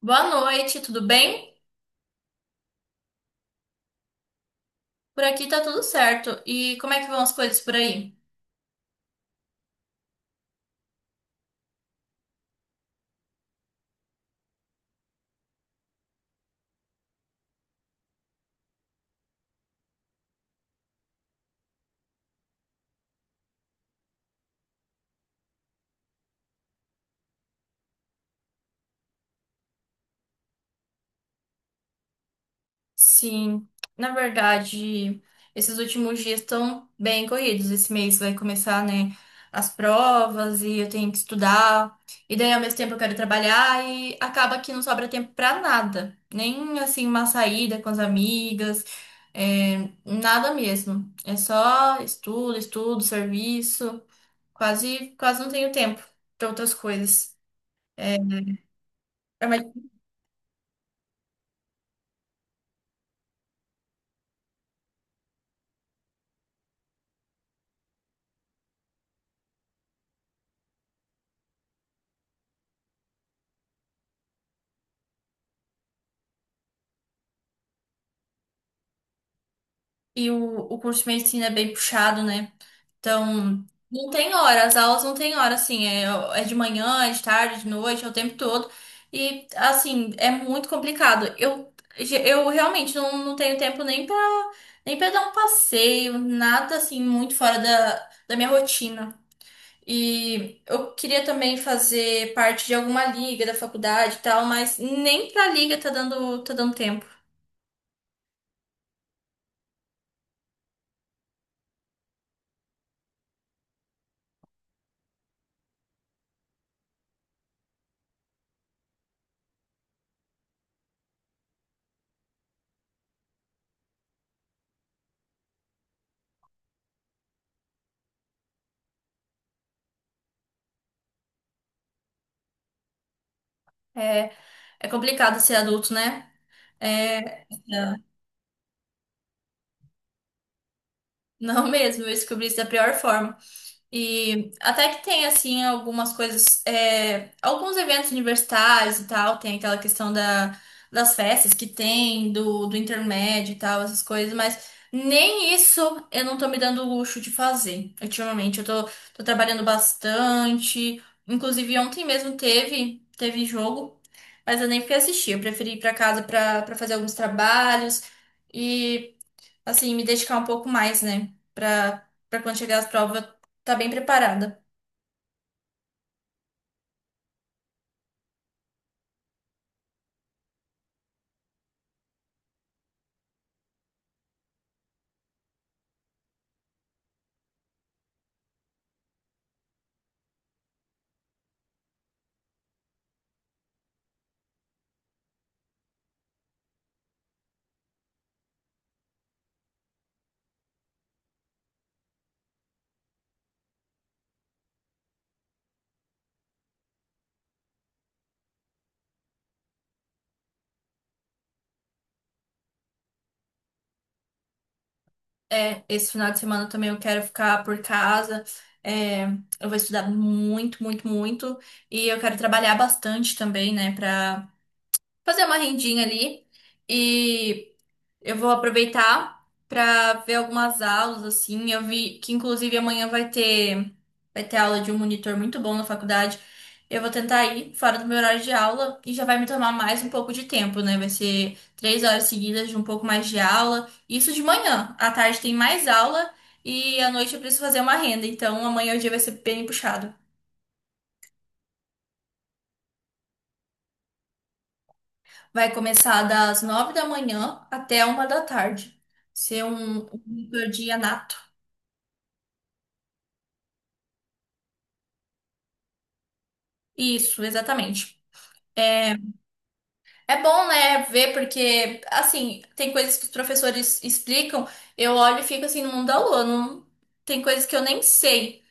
Boa noite, tudo bem? Por aqui tá tudo certo. E como é que vão as coisas por aí? Sim, na verdade, esses últimos dias estão bem corridos. Esse mês vai começar, né, as provas e eu tenho que estudar. E daí, ao mesmo tempo, eu quero trabalhar e acaba que não sobra tempo pra nada. Nem, assim, uma saída com as amigas, é, nada mesmo. É só estudo, estudo, serviço. Quase não tenho tempo pra outras coisas. É uma E o curso de medicina é bem puxado, né? Então, não tem hora, as aulas não tem hora, assim, é de manhã, é de tarde, de noite, é o tempo todo. E, assim, é muito complicado. Eu realmente não tenho tempo nem pra dar um passeio, nada, assim, muito fora da minha rotina. E eu queria também fazer parte de alguma liga da faculdade e tal, mas nem pra liga tá dando tempo. É, é, complicado ser adulto, né? É, Não mesmo, eu descobri isso da pior forma. E até que tem, assim, algumas coisas, alguns eventos universitários e tal, tem aquela questão das festas que tem, do intermédio e tal, essas coisas, mas nem isso eu não tô me dando o luxo de fazer ultimamente. Tô trabalhando bastante, inclusive ontem mesmo teve jogo, mas eu nem fui assistir, eu preferi ir pra casa pra fazer alguns trabalhos. E assim, me dedicar um pouco mais, né? Pra quando chegar as provas, tá bem preparada. É, esse final de semana também eu quero ficar por casa. É, eu vou estudar muito, muito, muito. E eu quero trabalhar bastante também, né? Pra fazer uma rendinha ali. E. Eu vou aproveitar para ver algumas aulas, assim. Eu vi que, inclusive, amanhã vai ter aula de um monitor muito bom na faculdade. Eu vou tentar ir fora do meu horário de aula e já vai me tomar mais um pouco de tempo, né? Vai ser 3 horas seguidas de um pouco mais de aula. Isso de manhã. À tarde tem mais aula e à noite eu preciso fazer uma renda. Então, amanhã o dia vai ser bem puxado. Vai começar das 9 da manhã até 1 da tarde. Ser um monitor de Anato. Isso, exatamente. É, é bom, né, ver, porque, assim, tem coisas que os professores explicam, eu olho e fico assim no mundo da lua, tem coisas que eu nem sei.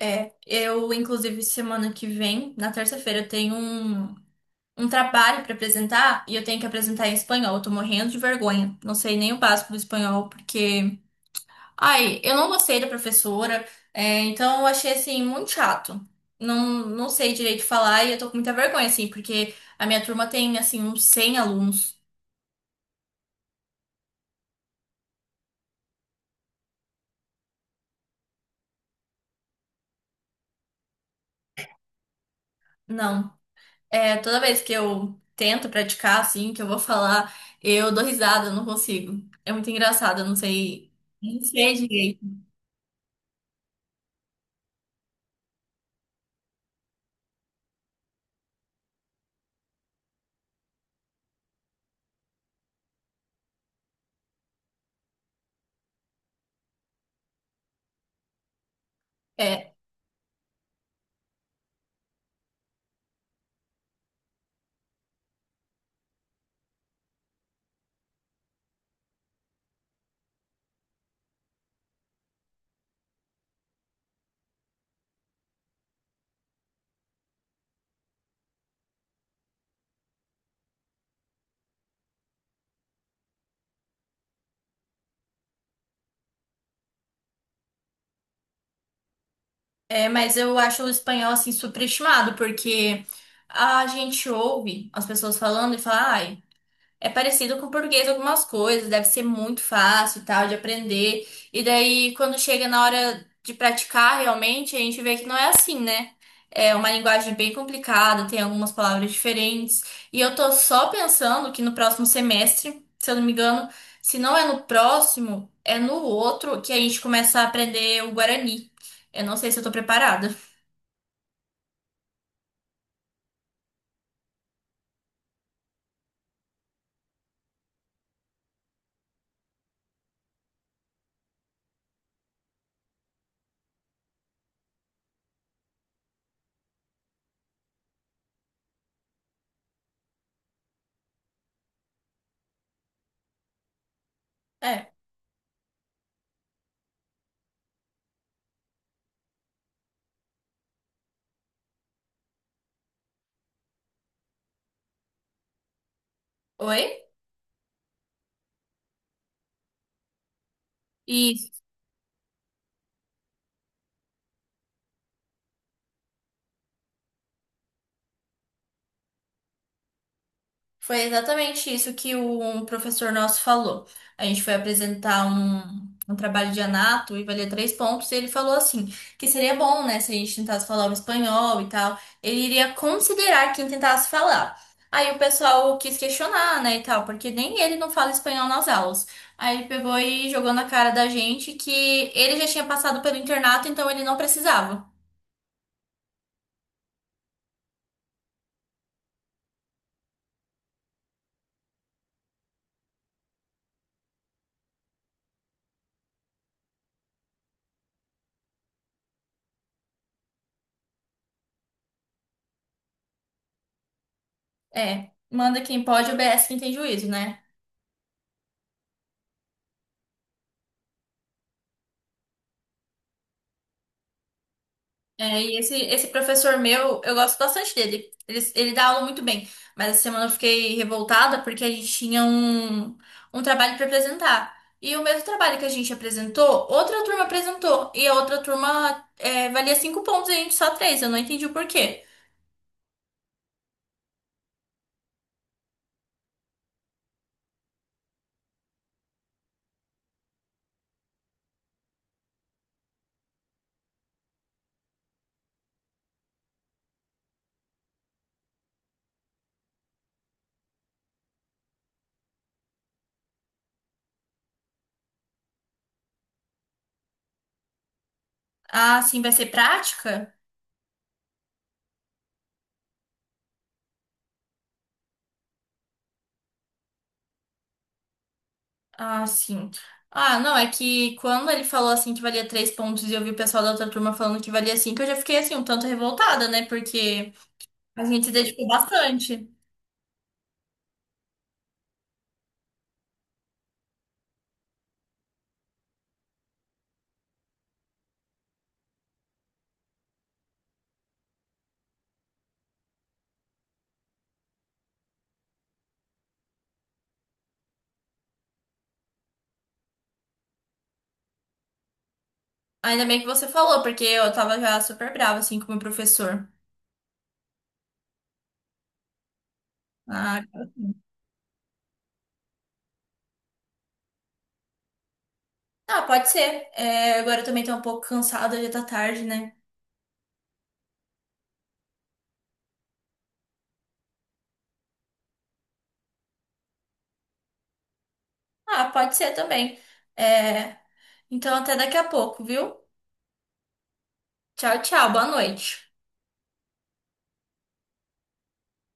É, eu, inclusive, semana que vem, na terça-feira, eu tenho um trabalho para apresentar e eu tenho que apresentar em espanhol, eu tô morrendo de vergonha, não sei nem o básico do espanhol, porque ai, eu não gostei da professora, então eu achei assim muito chato. Não sei direito falar e eu tô com muita vergonha, assim, porque a minha turma tem assim uns 100 alunos. Não. É, toda vez que eu tento praticar, assim, que eu vou falar, eu dou risada, eu não consigo. É muito engraçado, eu não sei. Não sei direito. É, mas eu acho o espanhol assim superestimado, porque a gente ouve as pessoas falando e fala, ai. É parecido com o português algumas coisas, deve ser muito fácil e tal de aprender. E daí, quando chega na hora de praticar realmente, a gente vê que não é assim, né? É uma linguagem bem complicada, tem algumas palavras diferentes. E eu tô só pensando que no próximo semestre, se eu não me engano, se não é no próximo, é no outro que a gente começa a aprender o Guarani. Eu não sei se eu tô preparada. É. Oi? Foi exatamente isso que um professor nosso falou. A gente foi apresentar um trabalho de anato e valia 3 pontos, e ele falou assim, que seria bom, né, se a gente tentasse falar o espanhol e tal. Ele iria considerar quem tentasse falar. Aí o pessoal quis questionar, né, e tal, porque nem ele não fala espanhol nas aulas. Aí ele pegou e jogou na cara da gente que ele já tinha passado pelo internato, então ele não precisava. É, manda quem pode, obedece quem tem juízo, né? É, e esse professor meu, eu gosto bastante dele. Ele dá aula muito bem. Mas essa semana eu fiquei revoltada porque a gente tinha um trabalho para apresentar. E o mesmo trabalho que a gente apresentou, outra turma apresentou. E a outra turma valia 5 pontos e a gente só três. Eu não entendi o porquê. Ah, sim, vai ser prática? Ah, sim. Ah, não, é que quando ele falou assim que valia 3 pontos e eu vi o pessoal da outra turma falando que valia cinco, eu já fiquei assim um tanto revoltada, né? Porque a gente se dedicou bastante. Ainda bem que você falou, porque eu tava já super brava, assim, com o meu professor. Ah, ah, pode ser. É, agora eu também tô um pouco cansada, já tá tarde, né? Ah, pode ser também. É, então até daqui a pouco, viu? Tchau, tchau, boa noite.